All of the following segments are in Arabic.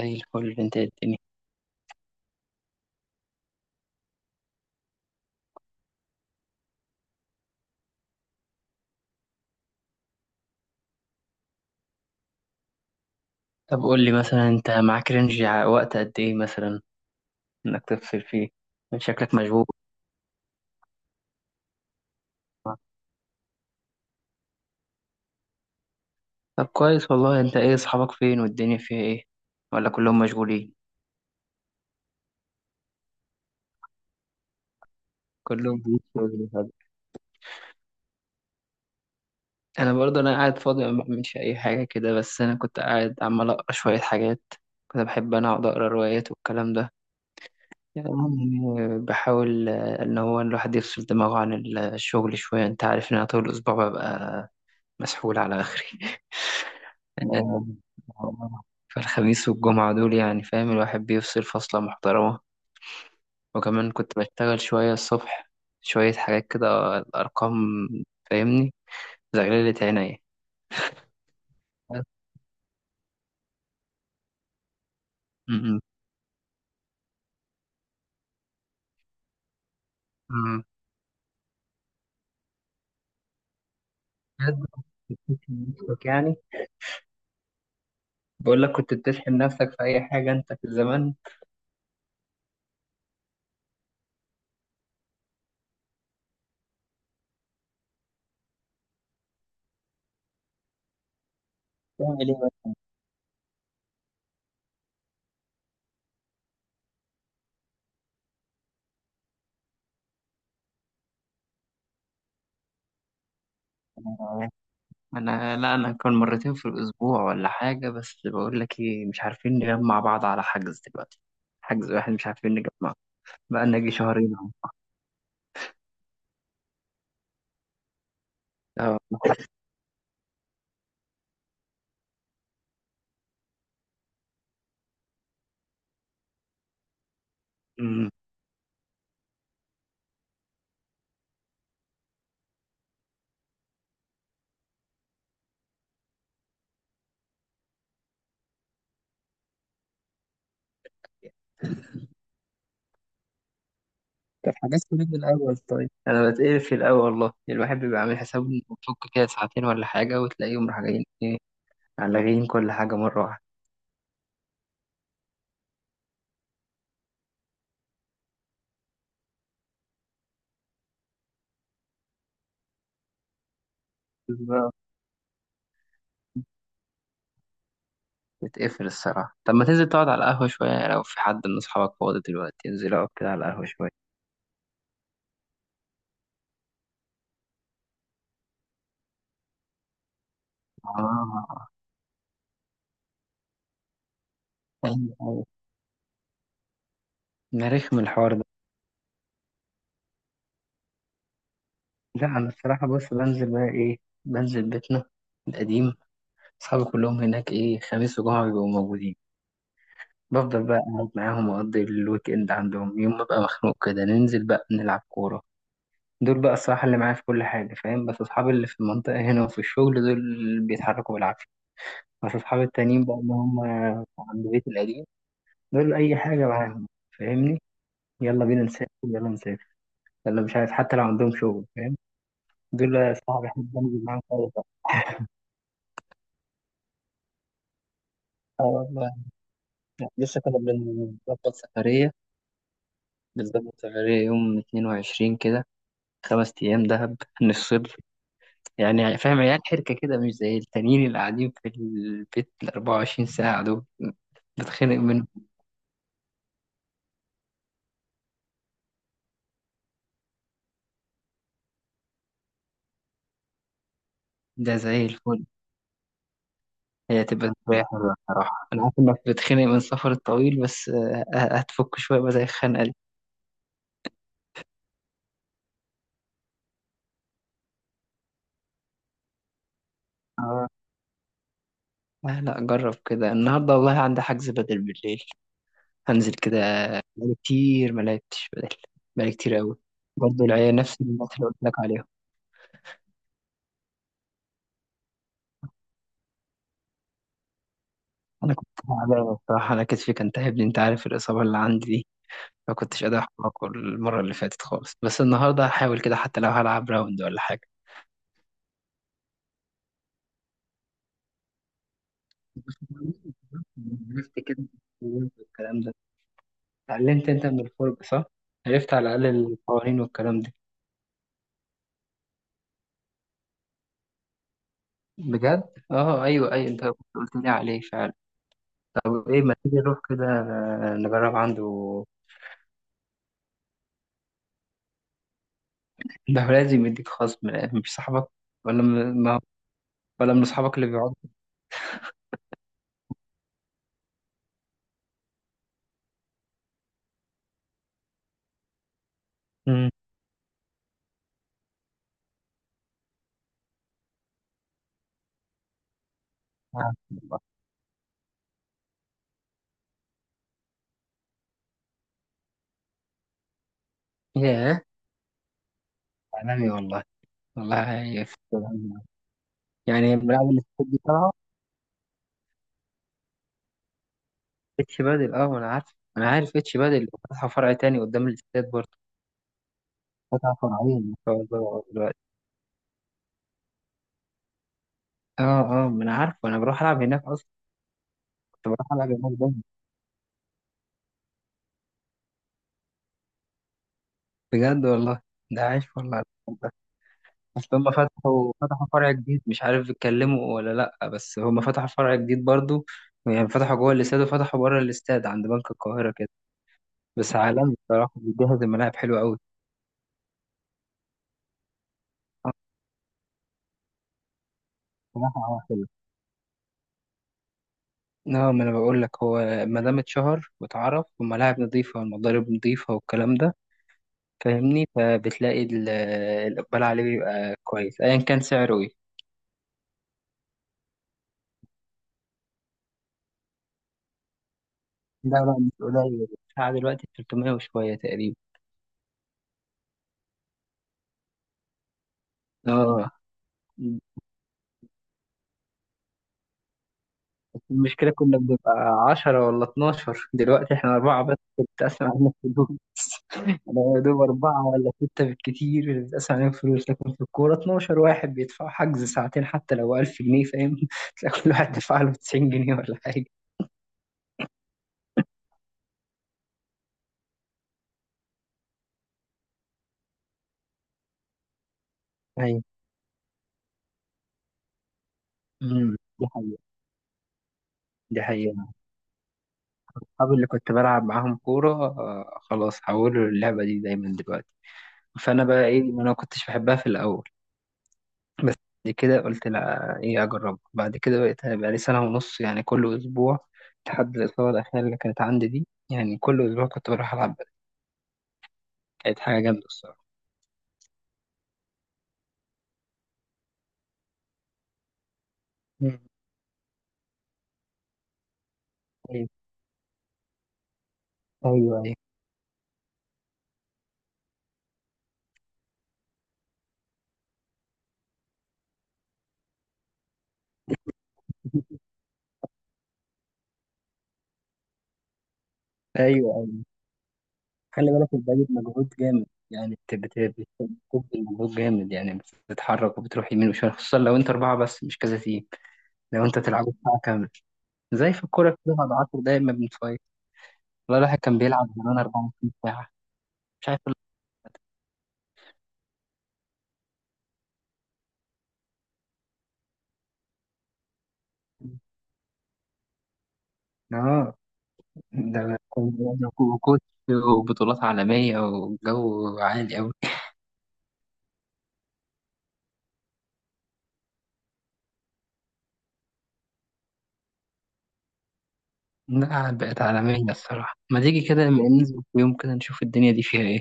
زي الفل، انت إيه الدنيا؟ طب قول لي مثلا انت معاك رينج وقت قد ايه مثلا انك تفصل فيه. من شكلك مشغول. طب كويس والله، انت ايه، اصحابك فين والدنيا فيها ايه؟ ولا كلهم مشغولين؟ كلهم في شغل وحاجة. انا برضه انا قاعد فاضي ما بعملش اي حاجه كده، بس انا كنت قاعد عمال اقرا شويه حاجات. كنت بحب انا اقعد اقرا روايات والكلام ده، يعني بحاول ان هو الواحد يفصل دماغه عن الشغل شويه. انت عارف ان انا طول الاسبوع ببقى مسحول على آخري. آه، فالخميس والجمعة دول يعني فاهم الواحد بيفصل فصلة محترمة. وكمان كنت بشتغل شوية الصبح، شوية حاجات كده، الأرقام فاهمني، زغللة عينيا. م- م- بجد كنت بتشحن نفسك يعني؟ بقول لك، كنت بتشحن نفسك في أي حاجة أنت في الزمان؟ تعمل إيه؟ بس؟ انا لا، انا كان مرتين في الاسبوع ولا حاجه، بس بقول لك ايه، مش عارفين نجمع بعض على حجز دلوقتي. حجز واحد مش عارفين نجمع، بقى لنا يجي شهرين اهو. اه. أمم. طب حجزت ليه من الأول طيب؟ انا بتقرف في الاول والله، الواحد بيبقى عامل حسابه انه بيفك كده ساعتين ولا حاجه، وتلاقيهم راح جايين ايه، لاغيين كل حاجه مره واحده. بالظبط. بتقفل الصراحه. طب ما تنزل تقعد على القهوه شويه، لو في حد من اصحابك فاضي دلوقتي انزل اقعد كده على القهوه شويه. اه، ايوه ايوه، ده رخم الحوار. لا انا الصراحه، بص، بنزل بقى ايه، بنزل بيتنا القديم. اصحابي كلهم هناك، ايه، خميس وجمعه بيبقوا موجودين. بفضل بقى قاعد معاهم، واقضي الويك اند عندهم. يوم ما ببقى مخنوق كده ننزل بقى نلعب كوره. دول بقى الصراحه اللي معايا في كل حاجه فاهم. بس اصحابي اللي في المنطقه هنا وفي الشغل، دول اللي بيتحركوا بالعافيه. بس اصحابي التانيين بقى، اللي هم عند بيت القديم، دول اي حاجه معاهم فاهمني. يلا بينا نسافر، يلا نسافر، يلا، مش عارف، حتى لو عندهم شغل فاهم. دول صحابي احب انزل معاهم خالص. اه والله. لسه كنا بنظبط سفرية يوم 22 كده، 5 أيام دهب، نفصل. يعني فاهم، عيال حركة كده، مش زي التانيين اللي قاعدين في البيت الـ24 ساعة دول. بتخنق منه. ده زي الفل. هي تبقى شوية حلوة الصراحة. أنا عارف إنك بتخنق من السفر الطويل، بس هتفك شوية بقى زي الخنقة دي. آه. لا لا، جرب كده، النهاردة والله عندي حجز بدل بالليل، هنزل كده. بقالي كتير ما لعبتش بدل، بقالي كتير قوي. برضه العيال نفس الناس اللي قلت لك عليهم. انا كنت تعبان بصراحه، انا كتفي كان تعبني، انت عارف الاصابه اللي عندي دي. ما كنتش قادر احرك المره اللي فاتت خالص، بس النهارده هحاول كده حتى لو هلعب راوند ولا حاجه. عرفت كده الكلام ده، اتعلمت انت من الفرجه صح، عرفت على الاقل القوانين والكلام ده. بجد؟ اه، ايوه ايوه، انت كنت قلت لي عليه فعلا. طب ايه، ما تيجي نروح كده نجرب عنده؟ ده هو لازم يديك خصم، لأن مش صاحبك؟ ولا م... ما... ولا من أصحابك اللي بيقعدوا؟ امم، معاك والله. ياه، عالمي والله. والله يعني الملاعب اللي في دي طالعة؟ اتش بادل؟ اه أنا عارف، أنا عارف اتش بادل، فاتحة فرع تاني قدام الاستاد برضه. فاتحة فرعين ما شاء الله دلوقتي. اه. اه ما أنا عارف، أنا بروح ألعب هناك أصلا، كنت بروح ألعب هناك دايما. بجد والله؟ ده عايش والله. اصل هم فتحوا فرع جديد، مش عارف اتكلموا ولا لا، بس هم فتحوا فرع جديد برضو. يعني فتحوا جوه الاستاد وفتحوا بره الاستاد عند بنك القاهرة كده. بس عالمي بصراحة، بيجهز الملاعب حلو قوي. بصراحة هو حلو. اه، ما انا بقول لك، هو ما دام اتشهر واتعرف، وملاعب نظيفة والمضارب نظيفة والكلام ده فاهمني، فبتلاقي الاقبال عليه بيبقى كويس ايا كان سعره ايه. لا لا مش قليل، الساعة دلوقتي 300 وشوية تقريبا. اه، المشكلة كنا بنبقى 10 ولا 12، دلوقتي احنا أربعة بس بتتقسم علينا الفلوس. أنا يا دوب أربعة ولا ستة بالكتير اللي بتتقسم علينا الفلوس، لكن في الكورة 12 واحد بيدفع حجز ساعتين حتى لو 1000 جنيه فاهم، تلاقي كل واحد دفع له 90 جنيه ولا حاجة. أيوة. دي حقيقة. دي حقيقة. أصحابي اللي كنت بلعب معاهم كورة خلاص حولوا اللعبة دي دايما دلوقتي. فأنا بقى إيه، ما أنا ما كنتش بحبها في الأول. بس بعد كده قلت لا، ايه، اجربها. بعد كده بقيت بقى لي سنه ونص يعني كل اسبوع، لحد الاصابه الاخيره اللي كانت عندي دي، يعني كل اسبوع كنت بروح العب بدل. كانت حاجه جامده الصراحه. مم. ايوه ايوه ايوه ايوه ايوه. خلي بالك، البدن مجهود جامد يعني. بتبذل مجهود جامد يعني، بتتحرك وبتروح يمين وشمال، خصوصا لو انت اربعه بس مش كذا تيم. لو انت تلعبوا ساعه كامله، زي في الكوره كده بعد 10 دقايق ما بنتفايق. والله الواحد كان بيلعب زمان 24 ساعه، مش عارف اه، ده أنا وكوتش، وبطولات عالمية، وجو عالي أوي. لا بقت عالمية الصراحة، ما تيجي كده لما ننزل في يوم كده نشوف الدنيا دي فيها إيه.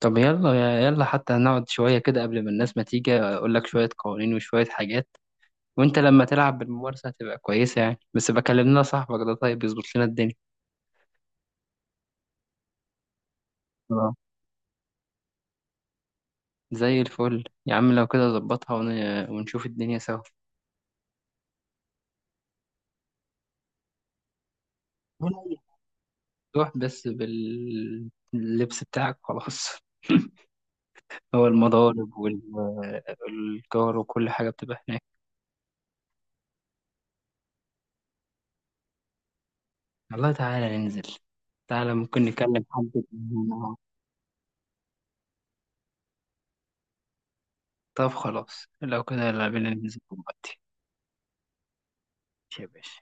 طب يلا يلا، حتى نقعد شوية كده قبل ما الناس ما تيجي، أقول لك شوية قوانين وشوية حاجات، وأنت لما تلعب بالممارسة هتبقى كويسة يعني. بس بكلم لنا صاحبك ده طيب يظبط لنا الدنيا. آه. زي الفل يا عم، لو كده ظبطها ونشوف الدنيا سوا. روح بس باللبس بتاعك خلاص، هو المضارب الجار وكل حاجة بتبقى هناك. والله تعالى ننزل، تعالى ممكن نكلم حد هنا. طب خلاص لو كده يلا بينا ننزل دلوقتي. يا باشا.